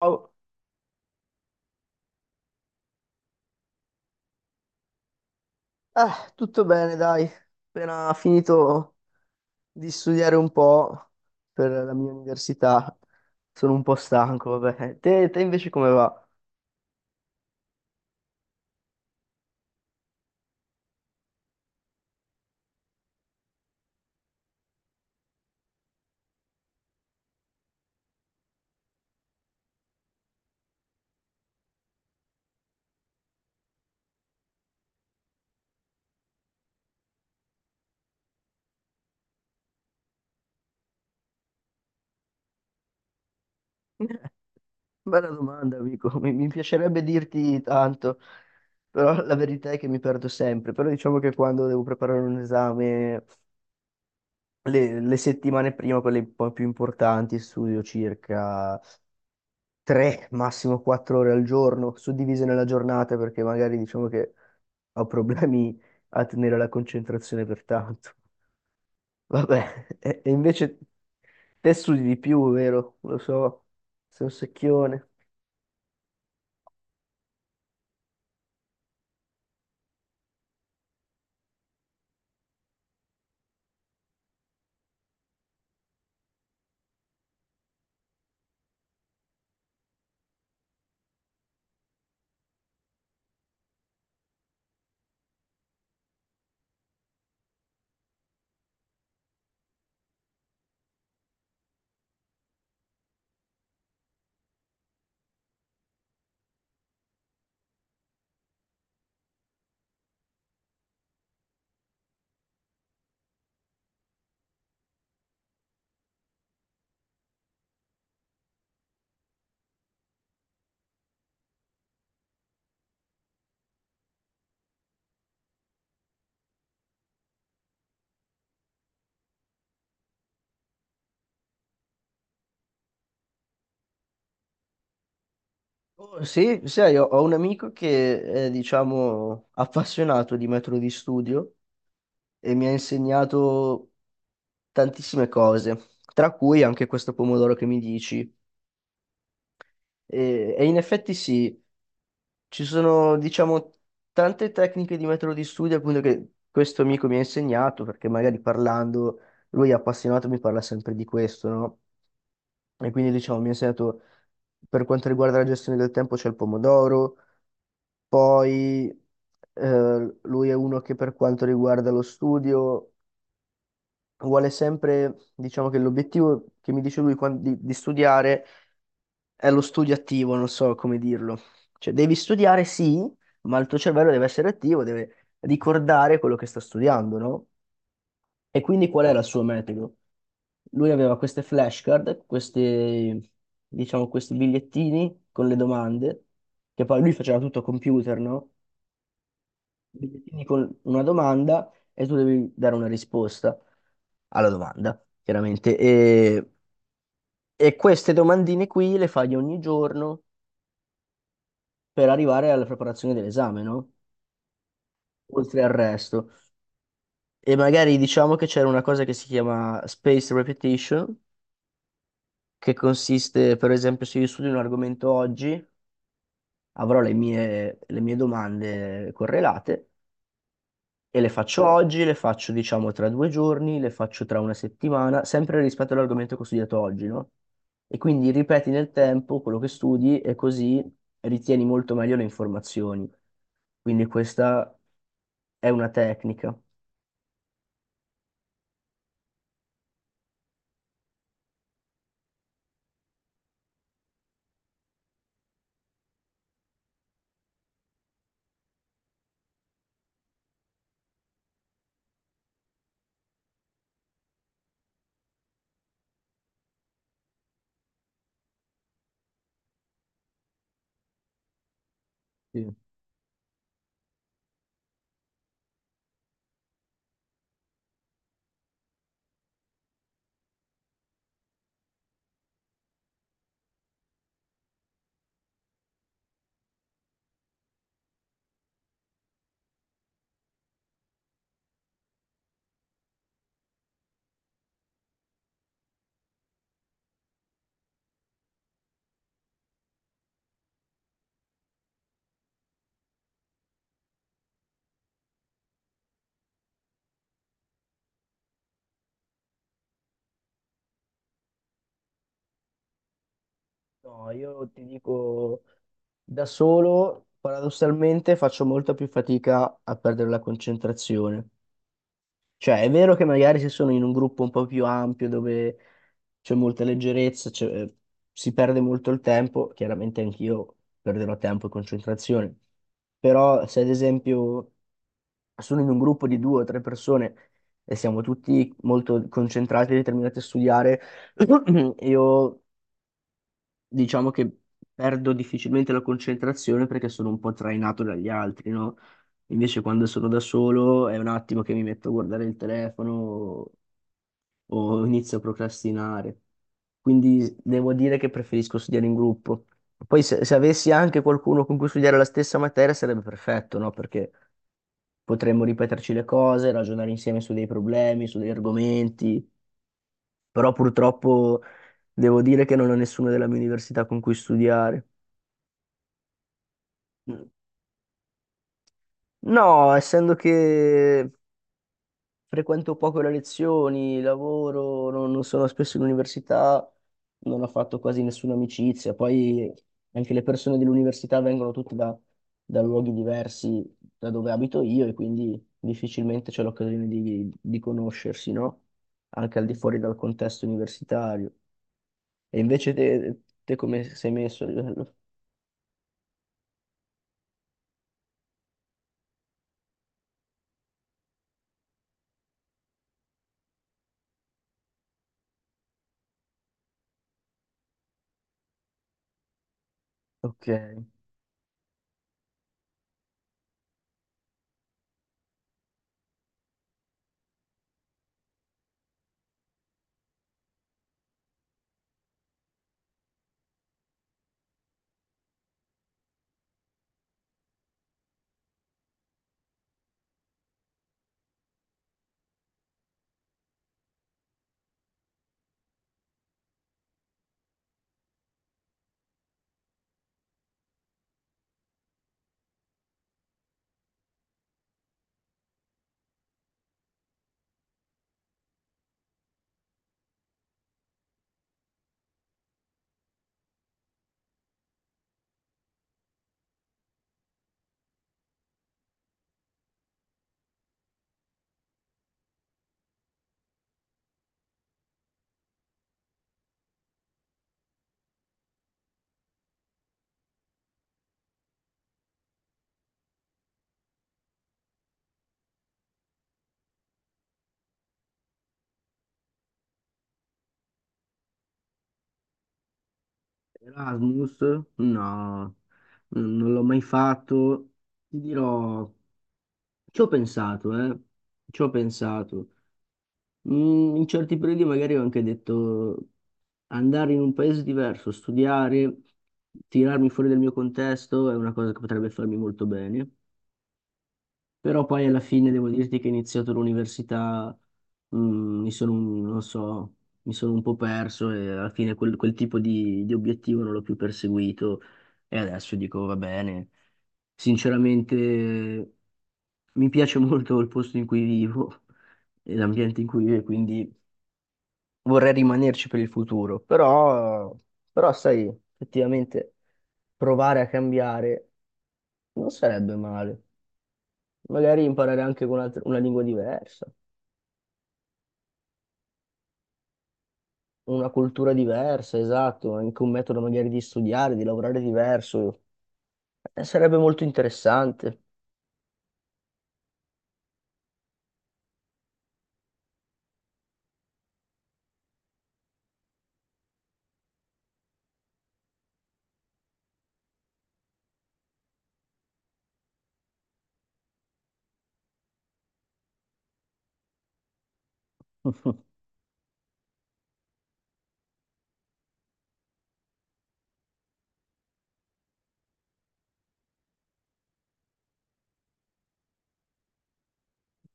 Ciao. Tutto bene, dai. Appena finito di studiare un po' per la mia università, sono un po' stanco, vabbè. Te invece come va? Bella domanda, amico. Mi piacerebbe dirti tanto, però la verità è che mi perdo sempre. Però diciamo che quando devo preparare un esame, le settimane prima, quelle un po' più importanti, studio circa 3, massimo 4 ore al giorno, suddivise nella giornata, perché magari diciamo che ho problemi a tenere la concentrazione per tanto. Vabbè, e invece te studi di più, vero? Lo so, sei un secchione. Oh, sì, sai, ho un amico che è, diciamo, appassionato di metodo di studio e mi ha insegnato tantissime cose, tra cui anche questo pomodoro che mi dici. E in effetti sì, ci sono, diciamo, tante tecniche di metodo di studio, appunto, che questo amico mi ha insegnato, perché magari parlando, lui è appassionato, mi parla sempre di questo, no? E quindi, diciamo, mi ha insegnato, per quanto riguarda la gestione del tempo, c'è il pomodoro, poi lui è uno che per quanto riguarda lo studio, vuole sempre, diciamo che l'obiettivo che mi dice lui di studiare è lo studio attivo, non so come dirlo. Cioè, devi studiare, sì, ma il tuo cervello deve essere attivo, deve ricordare quello che sta studiando, no? E quindi qual era il suo metodo? Lui aveva queste flashcard, questi, diciamo, questi bigliettini con le domande, che poi lui faceva tutto a computer, no? Bigliettini con una domanda e tu devi dare una risposta alla domanda, chiaramente. E queste domandine qui le fai ogni giorno per arrivare alla preparazione dell'esame, no? Oltre al resto. E magari diciamo che c'era una cosa che si chiama spaced repetition, che consiste, per esempio, se io studio un argomento oggi, avrò le mie domande correlate e le faccio oggi, le faccio diciamo tra due giorni, le faccio tra una settimana, sempre rispetto all'argomento che ho studiato oggi, no? E quindi ripeti nel tempo quello che studi e così ritieni molto meglio le informazioni. Quindi questa è una tecnica. Sì. No, io ti dico, da solo, paradossalmente, faccio molta più fatica a perdere la concentrazione. Cioè, è vero che magari se sono in un gruppo un po' più ampio, dove c'è molta leggerezza, si perde molto il tempo, chiaramente anch'io perderò tempo e concentrazione, però se ad esempio sono in un gruppo di due o tre persone e siamo tutti molto concentrati e determinati a studiare, io diciamo che perdo difficilmente la concentrazione perché sono un po' trainato dagli altri, no? Invece quando sono da solo è un attimo che mi metto a guardare il telefono o inizio a procrastinare, quindi devo dire che preferisco studiare in gruppo. Poi se avessi anche qualcuno con cui studiare la stessa materia sarebbe perfetto, no? Perché potremmo ripeterci le cose, ragionare insieme su dei problemi, su degli argomenti, però purtroppo devo dire che non ho nessuno della mia università con cui studiare. No, essendo che frequento poco le lezioni, lavoro, non sono spesso in università, non ho fatto quasi nessuna amicizia. Poi anche le persone dell'università vengono tutte da luoghi diversi da dove abito io e quindi difficilmente c'è l'occasione di conoscersi, no? Anche al di fuori dal contesto universitario. E invece te come sei messo a livello? Ok. Erasmus? No, non l'ho mai fatto. Ti dirò. Ci ho pensato, ci ho pensato. Mm, in certi periodi magari ho anche detto andare in un paese diverso, studiare, tirarmi fuori dal mio contesto è una cosa che potrebbe farmi molto bene. Però poi alla fine devo dirti che ho iniziato l'università, mi sono, non so, mi sono un po' perso e alla fine quel tipo di obiettivo non l'ho più perseguito e adesso dico va bene. Sinceramente mi piace molto il posto in cui vivo e l'ambiente in cui vivo, quindi vorrei rimanerci per il futuro, però, però sai, effettivamente provare a cambiare non sarebbe male. Magari imparare anche con una lingua diversa, una cultura diversa, esatto, anche un metodo magari di studiare, di lavorare diverso, sarebbe molto interessante.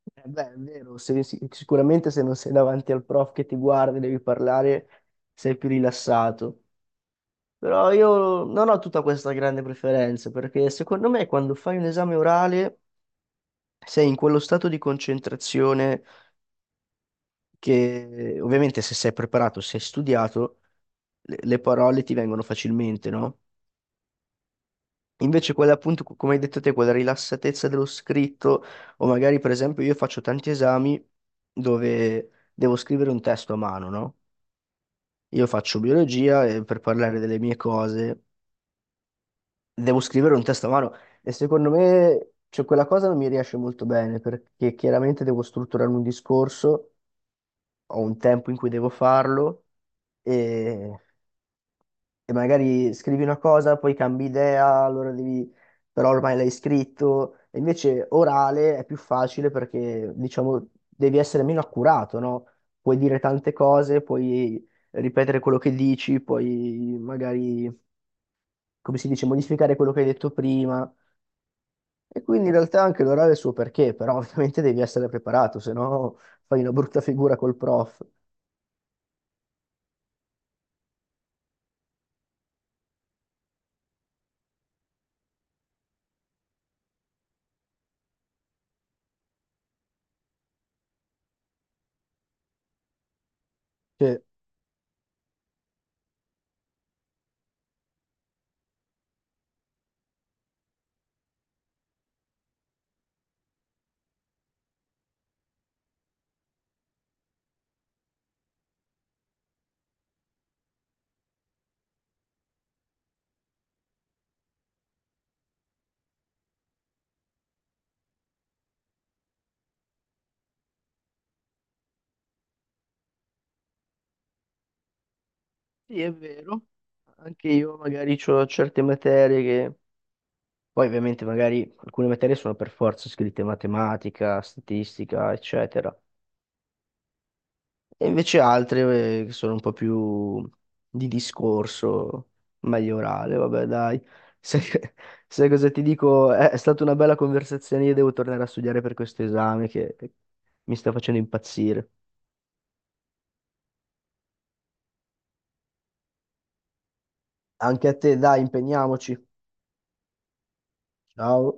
Eh beh, è vero, sicuramente se non sei davanti al prof che ti guarda e devi parlare, sei più rilassato. Però io non ho tutta questa grande preferenza, perché secondo me quando fai un esame orale sei in quello stato di concentrazione che ovviamente se sei preparato, se hai studiato, le parole ti vengono facilmente, no? Invece quella appunto, come hai detto te, quella rilassatezza dello scritto, o magari per esempio io faccio tanti esami dove devo scrivere un testo a mano, no? Io faccio biologia e per parlare delle mie cose devo scrivere un testo a mano e secondo me cioè, quella cosa non mi riesce molto bene perché chiaramente devo strutturare un discorso, ho un tempo in cui devo farlo e, e magari scrivi una cosa, poi cambi idea, allora devi, però ormai l'hai scritto. E invece orale è più facile perché diciamo devi essere meno accurato, no? Puoi dire tante cose, puoi ripetere quello che dici, puoi magari come si dice, modificare quello che hai detto prima. E quindi in realtà anche l'orale ha il suo perché, però ovviamente devi essere preparato, se no fai una brutta figura col prof. Cioè, sì, è vero. Anche io magari ho certe materie che... Poi ovviamente magari alcune materie sono per forza scritte, matematica, statistica, eccetera. E invece altre che sono un po' più di discorso, meglio orale, vabbè, dai. Sai, sai cosa ti dico? È stata una bella conversazione, io devo tornare a studiare per questo esame che mi sta facendo impazzire. Anche a te, dai, impegniamoci. Ciao.